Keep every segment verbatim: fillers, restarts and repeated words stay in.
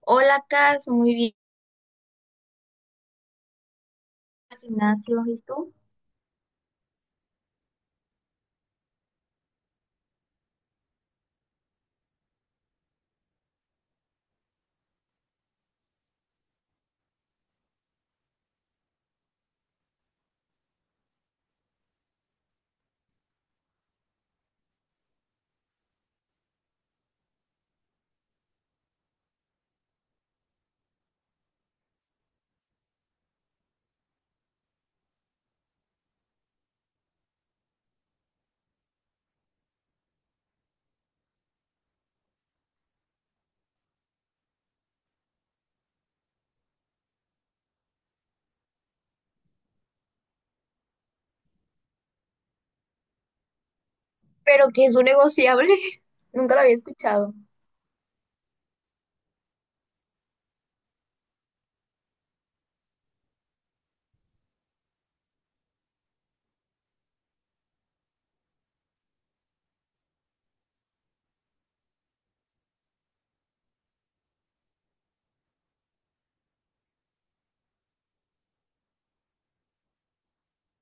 Hola, Cas, muy bien, gimnasio, ¿y tú? ¿Pero que es un negociable? Nunca lo había escuchado.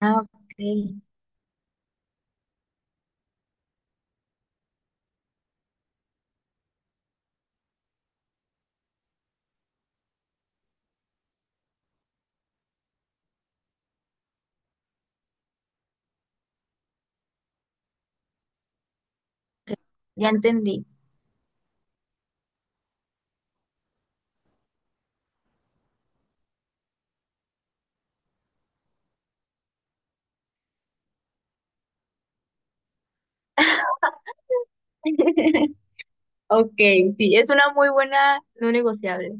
Ah, ok, ya entendí. Ok, sí, es una muy buena no negociable.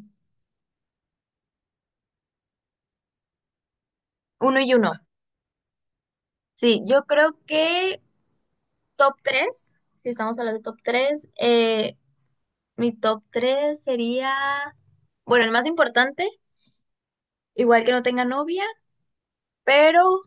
Uno y uno. Sí, yo creo que top tres. Si estamos hablando de top tres, eh, mi top tres sería, bueno, el más importante, igual que no tenga novia, pero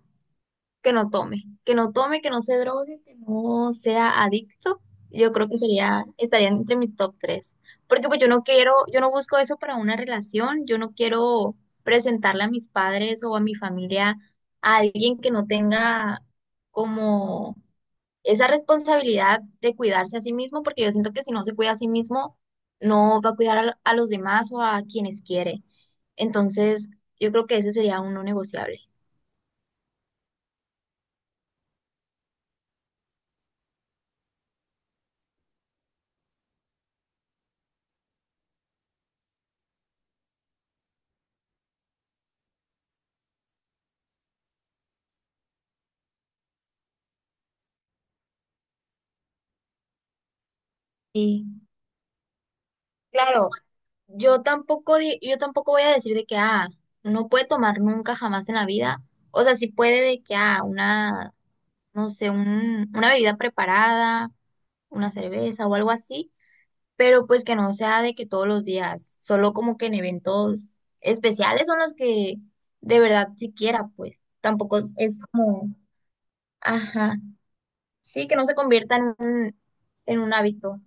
que no tome, que no tome, que no se drogue, que no sea adicto, yo creo que sería, estaría entre mis top tres. Porque pues yo no quiero, yo no busco eso para una relación, yo no quiero presentarle a mis padres o a mi familia a alguien que no tenga como esa responsabilidad de cuidarse a sí mismo, porque yo siento que si no se cuida a sí mismo, no va a cuidar a, a los demás o a quienes quiere. Entonces, yo creo que ese sería uno negociable. Sí, claro, yo tampoco, di- yo tampoco voy a decir de que, ah, no puede tomar nunca jamás en la vida. O sea, sí puede de que, ah, una, no sé, un- una bebida preparada, una cerveza o algo así, pero pues que no sea de que todos los días, solo como que en eventos especiales son los que de verdad siquiera, pues, tampoco es es como, ajá, sí, que no se convierta en un, en un hábito.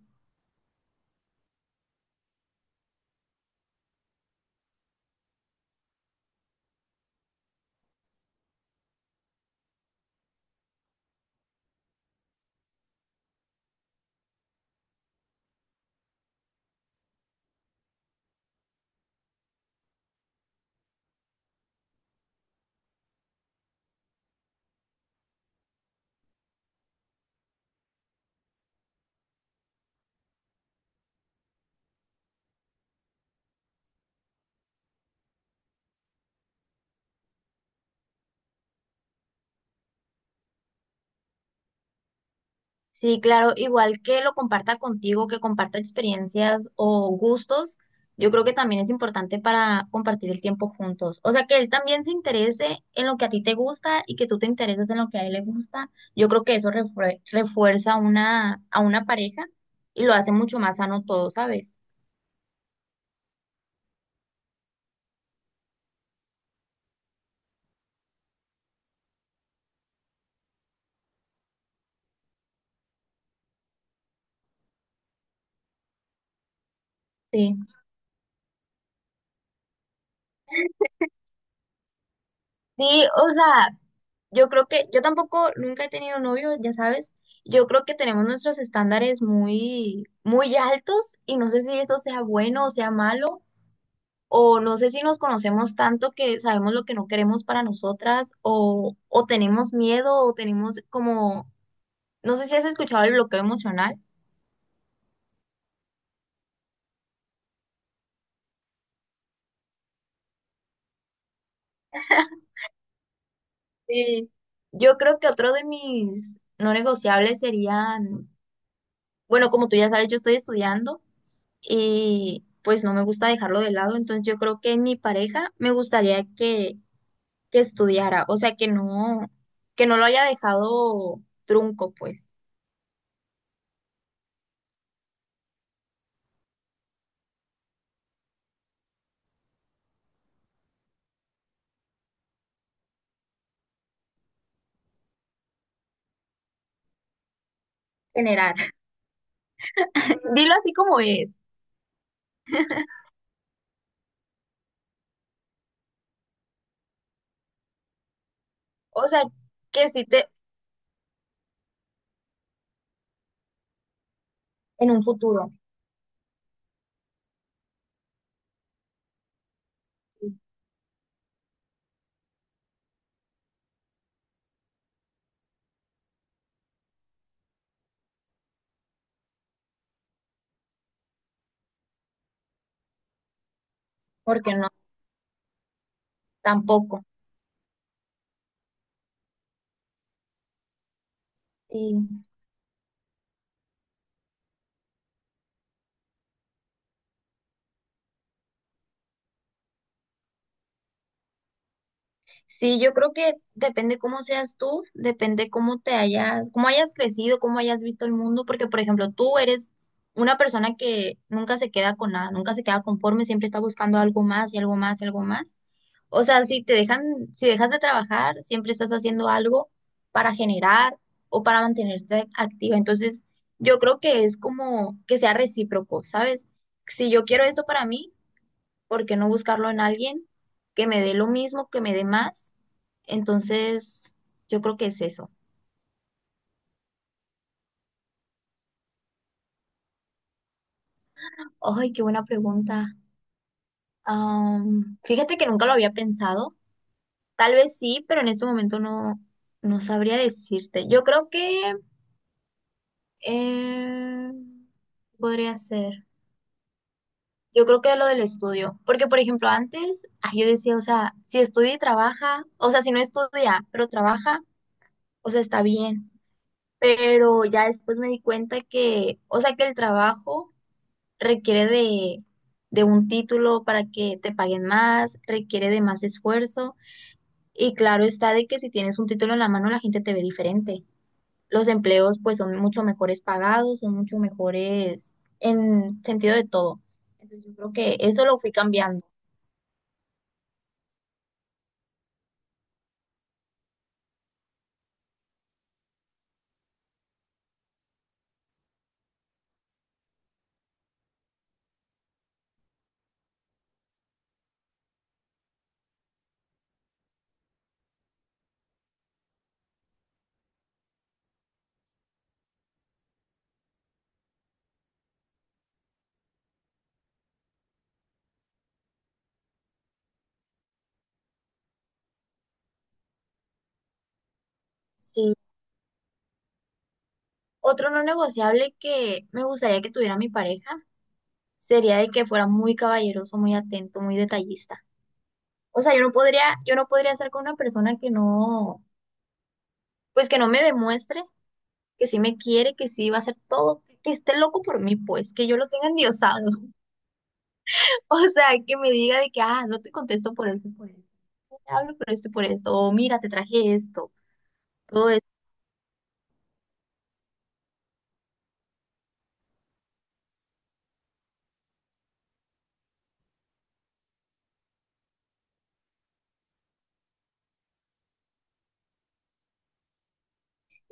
Sí, claro, igual que lo comparta contigo, que comparta experiencias o gustos, yo creo que también es importante para compartir el tiempo juntos. O sea, que él también se interese en lo que a ti te gusta y que tú te intereses en lo que a él le gusta. Yo creo que eso refue- refuerza una, a una pareja y lo hace mucho más sano todo, ¿sabes? Sí. Sí, o sea, yo creo que yo tampoco nunca he tenido novio, ya sabes. Yo creo que tenemos nuestros estándares muy, muy altos y no sé si esto sea bueno o sea malo, o no sé si nos conocemos tanto que sabemos lo que no queremos para nosotras, o, o tenemos miedo, o tenemos como, no sé si has escuchado el bloqueo emocional. Sí. Yo creo que otro de mis no negociables serían, bueno, como tú ya sabes, yo estoy estudiando. Y pues no me gusta dejarlo de lado, entonces yo creo que en mi pareja me gustaría que, que estudiara, o sea, que no, que no lo haya dejado trunco, pues, general. Dilo así como es, o sea, que sí te, en un futuro, porque no, tampoco. Sí, yo creo que depende cómo seas tú, depende cómo te hayas, cómo hayas crecido, cómo hayas visto el mundo, porque por ejemplo, tú eres una persona que nunca se queda con nada, nunca se queda conforme, siempre está buscando algo más y algo más y algo más. O sea, si te dejan, si dejas de trabajar, siempre estás haciendo algo para generar o para mantenerte activa. Entonces, yo creo que es como que sea recíproco, ¿sabes? Si yo quiero esto para mí, ¿por qué no buscarlo en alguien que me dé lo mismo, que me dé más? Entonces, yo creo que es eso. Ay, qué buena pregunta. Am, fíjate que nunca lo había pensado. Tal vez sí, pero en este momento no, no sabría decirte. Yo creo que eh, podría ser. Yo creo que lo del estudio. Porque, por ejemplo, antes ay, yo decía, o sea, si estudia y trabaja, o sea, si no estudia, pero trabaja, o sea, está bien. Pero ya después me di cuenta que, o sea, que el trabajo requiere de, de un título para que te paguen más, requiere de más esfuerzo y claro está de que si tienes un título en la mano la gente te ve diferente. Los empleos pues son mucho mejores pagados, son mucho mejores en sentido de todo. Entonces yo creo que eso lo fui cambiando. Sí. Otro no negociable que me gustaría que tuviera mi pareja sería de que fuera muy caballeroso, muy atento, muy detallista. O sea, yo no podría, yo no podría estar con una persona que no, pues que no me demuestre que sí me quiere, que sí va a hacer todo, que esté loco por mí, pues, que yo lo tenga endiosado. O sea, que me diga de que, ah, no te contesto por esto, por esto, no te hablo por esto, por esto, o mira, te traje esto, todo esto,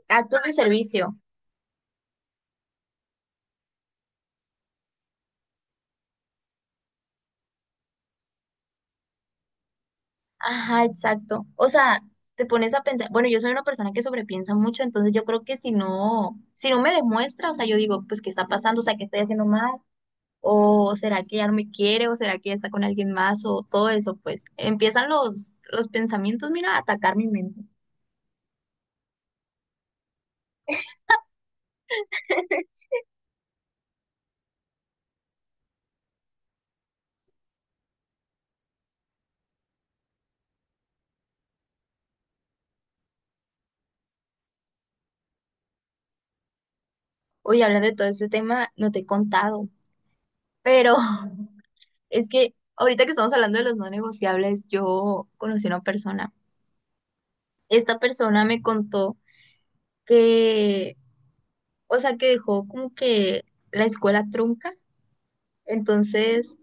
actos de servicio. Ajá, exacto. O sea, te pones a pensar, bueno, yo soy una persona que sobrepiensa mucho, entonces yo creo que si no, si no me demuestra, o sea, yo digo, pues, ¿qué está pasando? O sea, ¿qué estoy haciendo mal? ¿O será que ya no me quiere? ¿O será que ya está con alguien más? O todo eso, pues, empiezan los, los pensamientos, mira, a atacar mi mente. Oye, hablando de todo este tema, no te he contado, pero es que ahorita que estamos hablando de los no negociables, yo conocí a una persona. Esta persona me contó que, o sea, que dejó como que la escuela trunca. Entonces,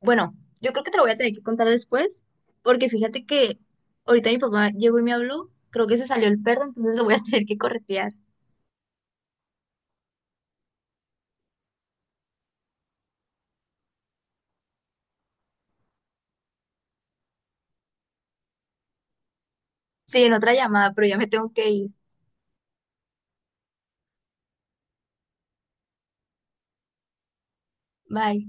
bueno, yo creo que te lo voy a tener que contar después, porque fíjate que ahorita mi papá llegó y me habló, creo que se salió el perro, entonces lo voy a tener que corretear. Sí, en otra llamada, pero ya me tengo que ir. Bye.